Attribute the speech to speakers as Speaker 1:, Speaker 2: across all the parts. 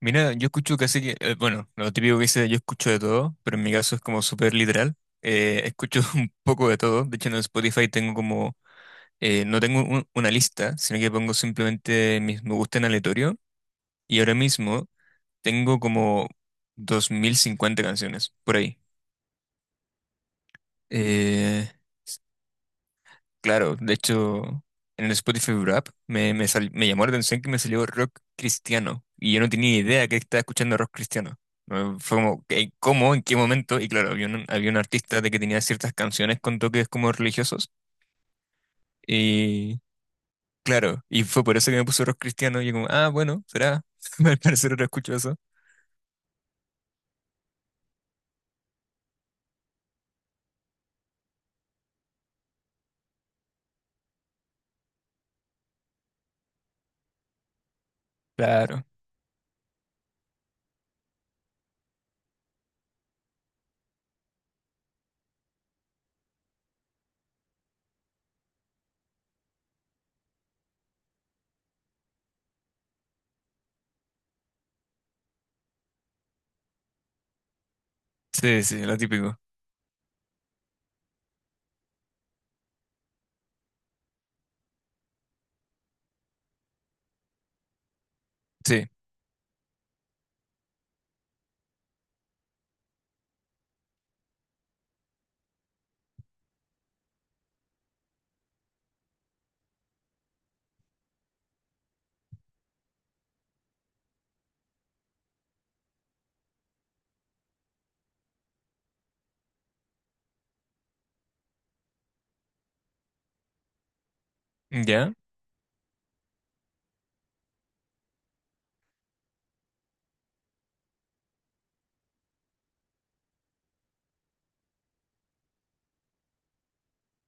Speaker 1: Mira, yo escucho casi que, bueno, lo típico que dice, yo escucho de todo, pero en mi caso es como súper literal. Escucho un poco de todo. De hecho, en Spotify tengo como, no tengo una lista, sino que pongo simplemente mis me gusta en aleatorio. Y ahora mismo tengo como 2050 canciones por ahí. Eh, Claro, de hecho, en el Spotify Wrap me llamó la atención que me salió rock cristiano y yo no tenía idea que estaba escuchando rock cristiano. Fue como, ¿cómo? ¿En qué momento? Y claro, había un artista de que tenía ciertas canciones con toques como religiosos y claro, y fue por eso que me puso rock cristiano y yo como, ah, bueno, será, al parecer ahora escucho eso. Claro, sí, sí, lo típico, sí, ¿ya?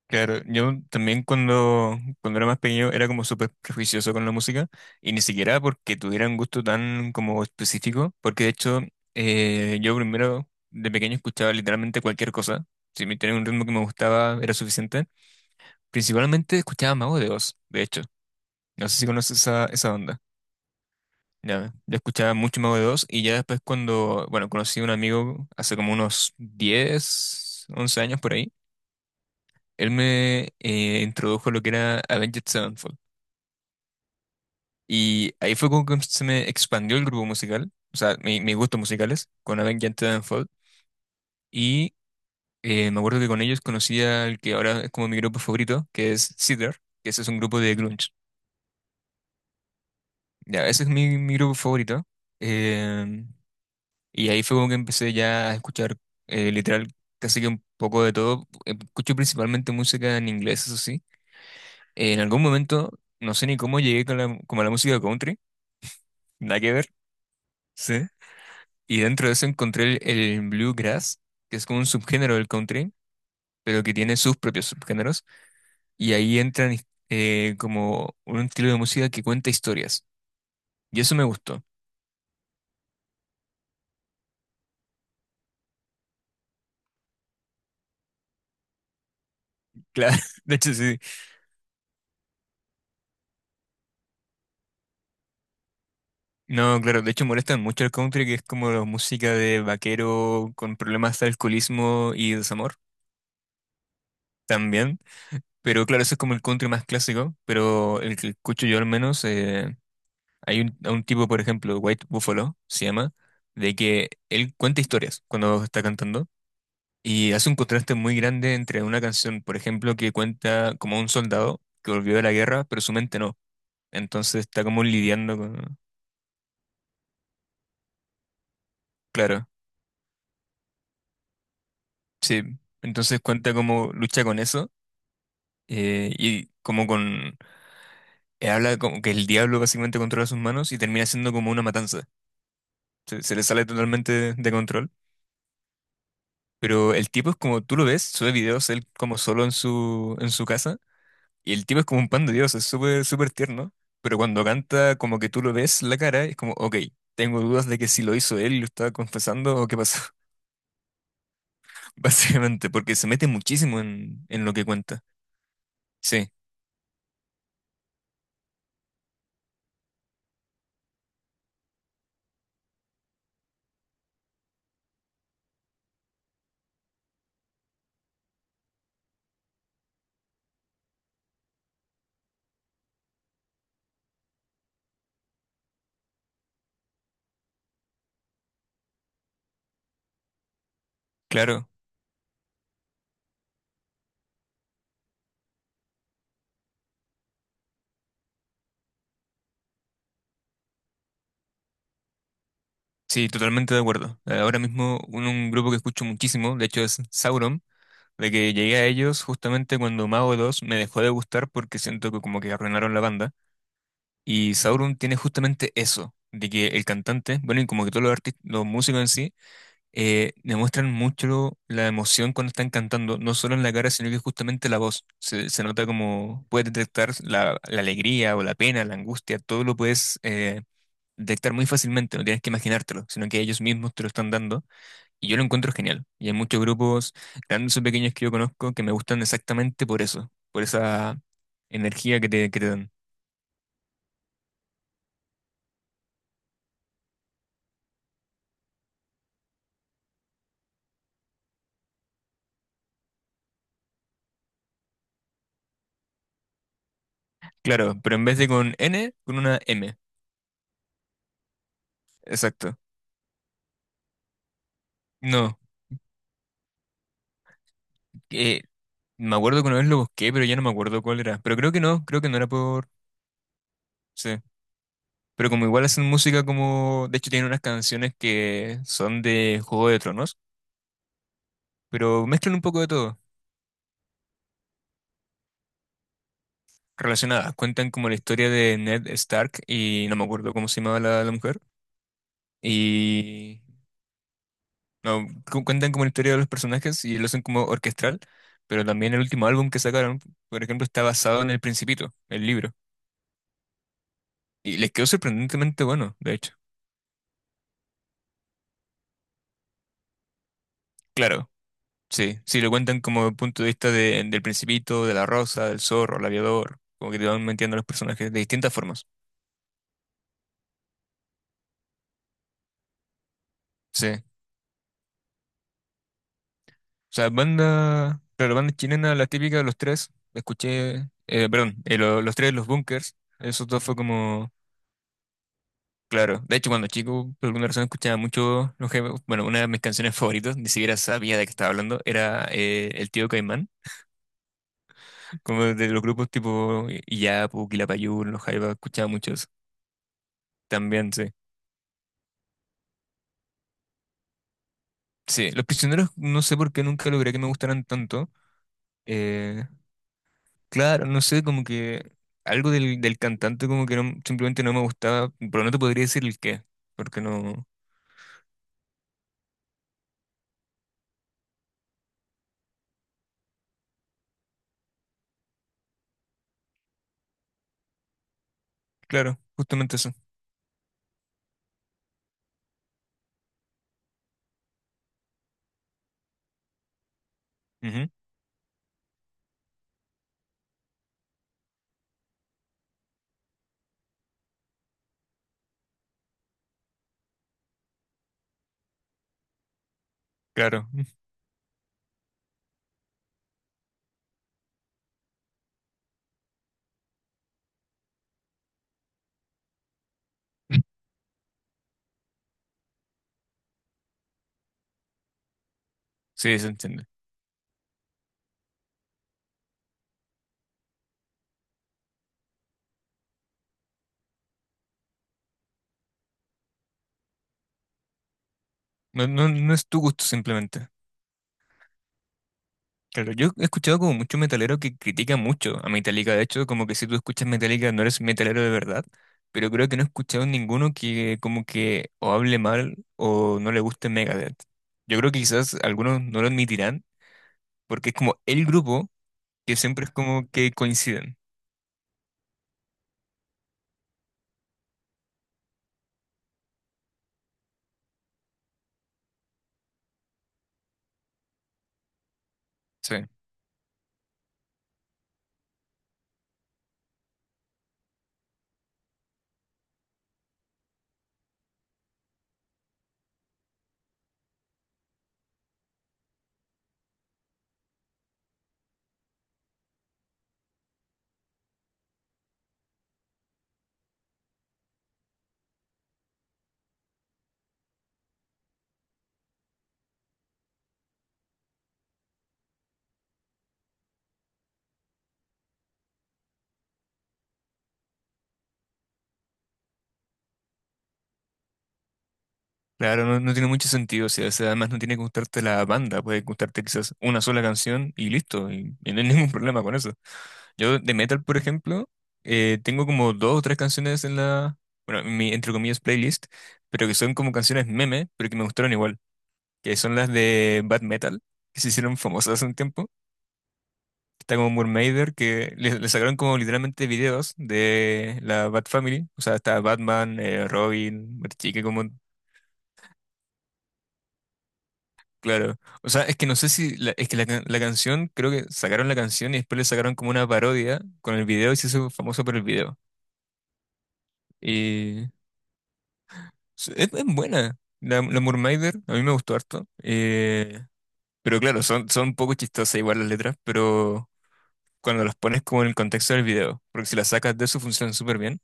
Speaker 1: Claro, yo también cuando era más pequeño era como súper prejuicioso con la música y ni siquiera porque tuviera un gusto tan como específico, porque de hecho yo primero de pequeño escuchaba literalmente cualquier cosa, si me tenía un ritmo que me gustaba era suficiente, principalmente escuchaba Mago de Oz, de hecho, no sé si conoces esa onda, ya, yo escuchaba mucho Mago de Oz y ya después cuando, bueno, conocí a un amigo hace como unos 10, 11 años por ahí, él me introdujo lo que era Avenged Sevenfold. Y ahí fue como que se me expandió el grupo musical, o sea, mis gustos musicales, con Avenged Sevenfold. Y me acuerdo que con ellos conocí al que ahora es como mi grupo favorito, que es Seether, que ese es un grupo de grunge. Ya, ese es mi grupo favorito. Em, y ahí fue como que empecé ya a escuchar literal casi que un poco de todo. Escucho principalmente música en inglés, eso sí. En algún momento, no sé ni cómo llegué con la, como a la música country, nada que ver. Sí. Y dentro de eso encontré el bluegrass, que es como un subgénero del country, pero que tiene sus propios subgéneros. Y ahí entran como un estilo de música que cuenta historias. Y eso me gustó. Claro, de hecho sí. No, claro, de hecho molestan mucho el country, que es como la música de vaquero con problemas de alcoholismo y desamor también. Pero claro, eso es como el country más clásico, pero el que escucho yo al menos, a un tipo, por ejemplo, White Buffalo, se llama, de que él cuenta historias cuando está cantando y hace un contraste muy grande entre una canción, por ejemplo, que cuenta como un soldado que volvió de la guerra, pero su mente no. Entonces está como lidiando con. Claro, sí. Entonces cuenta como lucha con eso, y como con. Habla como que el diablo básicamente controla sus manos y termina siendo como una matanza. Se le sale totalmente de control. Pero el tipo es como, tú lo ves, sube videos él como solo en su, casa, y el tipo es como un pan de Dios, es súper, súper tierno, pero cuando canta como que tú lo ves la cara, es como, ok, tengo dudas de que si lo hizo él y lo estaba confesando o qué pasó, básicamente, porque se mete muchísimo en lo que cuenta. Sí, claro, sí, totalmente de acuerdo. Ahora mismo un grupo que escucho muchísimo, de hecho es Sauron, de que llegué a ellos justamente cuando Mago 2 me dejó de gustar porque siento que como que arruinaron la banda. Y Sauron tiene justamente eso, de que el cantante, bueno, y como que todos los artistas, los músicos en sí, demuestran mucho la emoción cuando están cantando, no solo en la cara, sino que justamente la voz. Se nota como puedes detectar la alegría o la pena, la angustia, todo lo puedes detectar muy fácilmente, no tienes que imaginártelo, sino que ellos mismos te lo están dando. Y yo lo encuentro genial. Y hay muchos grupos, grandes o pequeños, que yo conozco que me gustan exactamente por eso, por esa energía que te dan. Claro, pero en vez de con N, con una M. Exacto. No, eh, me acuerdo que una vez lo busqué, pero ya no me acuerdo cuál era. Pero creo que no era por. Sí. Pero como igual hacen música como. De hecho tienen unas canciones que son de Juego de Tronos, pero mezclan un poco de todo. Relacionadas, cuentan como la historia de Ned Stark y no me acuerdo cómo se llamaba la mujer. Y. No, cuentan como la historia de los personajes y lo hacen como orquestral, pero también el último álbum que sacaron, por ejemplo, está basado en El Principito, el libro. Y les quedó sorprendentemente bueno, de hecho. Claro, sí. Si lo cuentan como punto de vista del Principito, de la Rosa, del Zorro, el Aviador, como que te van metiendo a los personajes de distintas formas. Sí. O sea, banda, claro, banda chilena, la típica de los tres, la escuché, perdón, los tres, los Bunkers, esos dos fue como, claro. De hecho, cuando chico, por alguna razón escuchaba mucho los jefes. Bueno, una de mis canciones favoritas, ni siquiera sabía de qué estaba hablando, era El Tío Caimán. Como de los grupos tipo Illapu, Quilapayún, los Jaivas, escuchaba mucho eso. También, sí. Sí, los prisioneros no sé por qué nunca logré que me gustaran tanto. Eh, claro, no sé, como que algo del cantante como que simplemente no me gustaba, pero no te podría decir el qué, porque no. Claro, justamente eso. Ujú, claro, mm, sí, se entiende. No, no, no es tu gusto simplemente. Claro, yo he escuchado como muchos metaleros que critican mucho a Metallica. De hecho, como que si tú escuchas Metallica no eres metalero de verdad. Pero creo que no he escuchado ninguno que como que o hable mal o no le guste Megadeth. Yo creo que quizás algunos no lo admitirán porque es como el grupo que siempre es como que coinciden. Sí. Claro, no, no tiene mucho sentido, o sea, además no tiene que gustarte la banda, puede gustarte quizás una sola canción y listo, y no hay ningún problema con eso. Yo de metal, por ejemplo, tengo como dos o tres canciones bueno, en mi, entre comillas, playlist, pero que son como canciones meme, pero que me gustaron igual, que son las de Bad Metal, que se hicieron famosas hace un tiempo. Está como Murmaider, que le sacaron como literalmente videos de la Bad Family, o sea, está Batman, Robin, Bat Chica, como. Claro. O sea, es que no sé si es que la canción, creo que sacaron la canción y después le sacaron como una parodia con el video y se hizo famoso por el video. Y es buena. La Moonrider, a mí me gustó harto. Pero claro, son un poco chistosas igual las letras, pero cuando las pones como en el contexto del video, porque si las sacas de eso funcionan súper bien.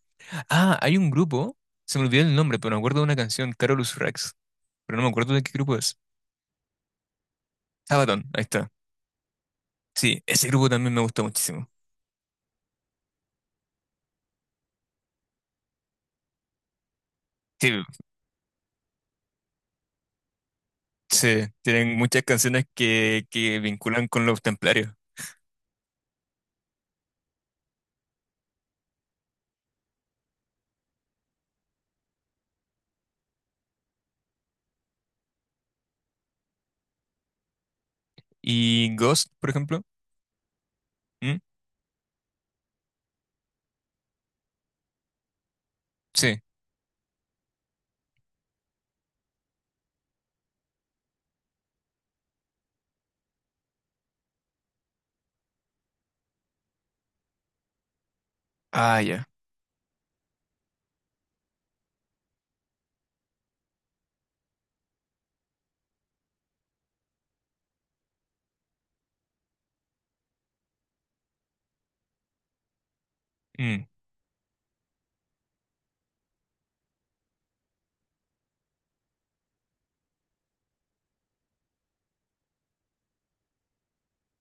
Speaker 1: Ah, hay un grupo, se me olvidó el nombre, pero me acuerdo de una canción, Carolus Rex, pero no me acuerdo de qué grupo es. Sabaton, ahí está. Sí, ese grupo también me gusta muchísimo. Sí, Sí, tienen muchas canciones que vinculan con los templarios. ¿Y Ghost, por ejemplo? ¿Mm? Sí. Ah, ya. Mm.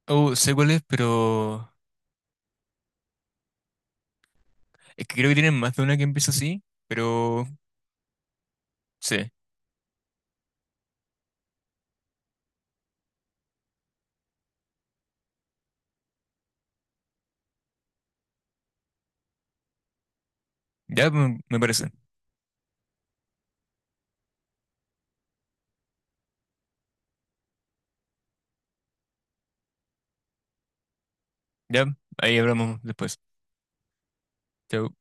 Speaker 1: Oh, sé cuál es, pero. Es que creo que tienen más de una que empieza así, pero. Sí, ya me parece. Ya, ahí hablamos después. Chao.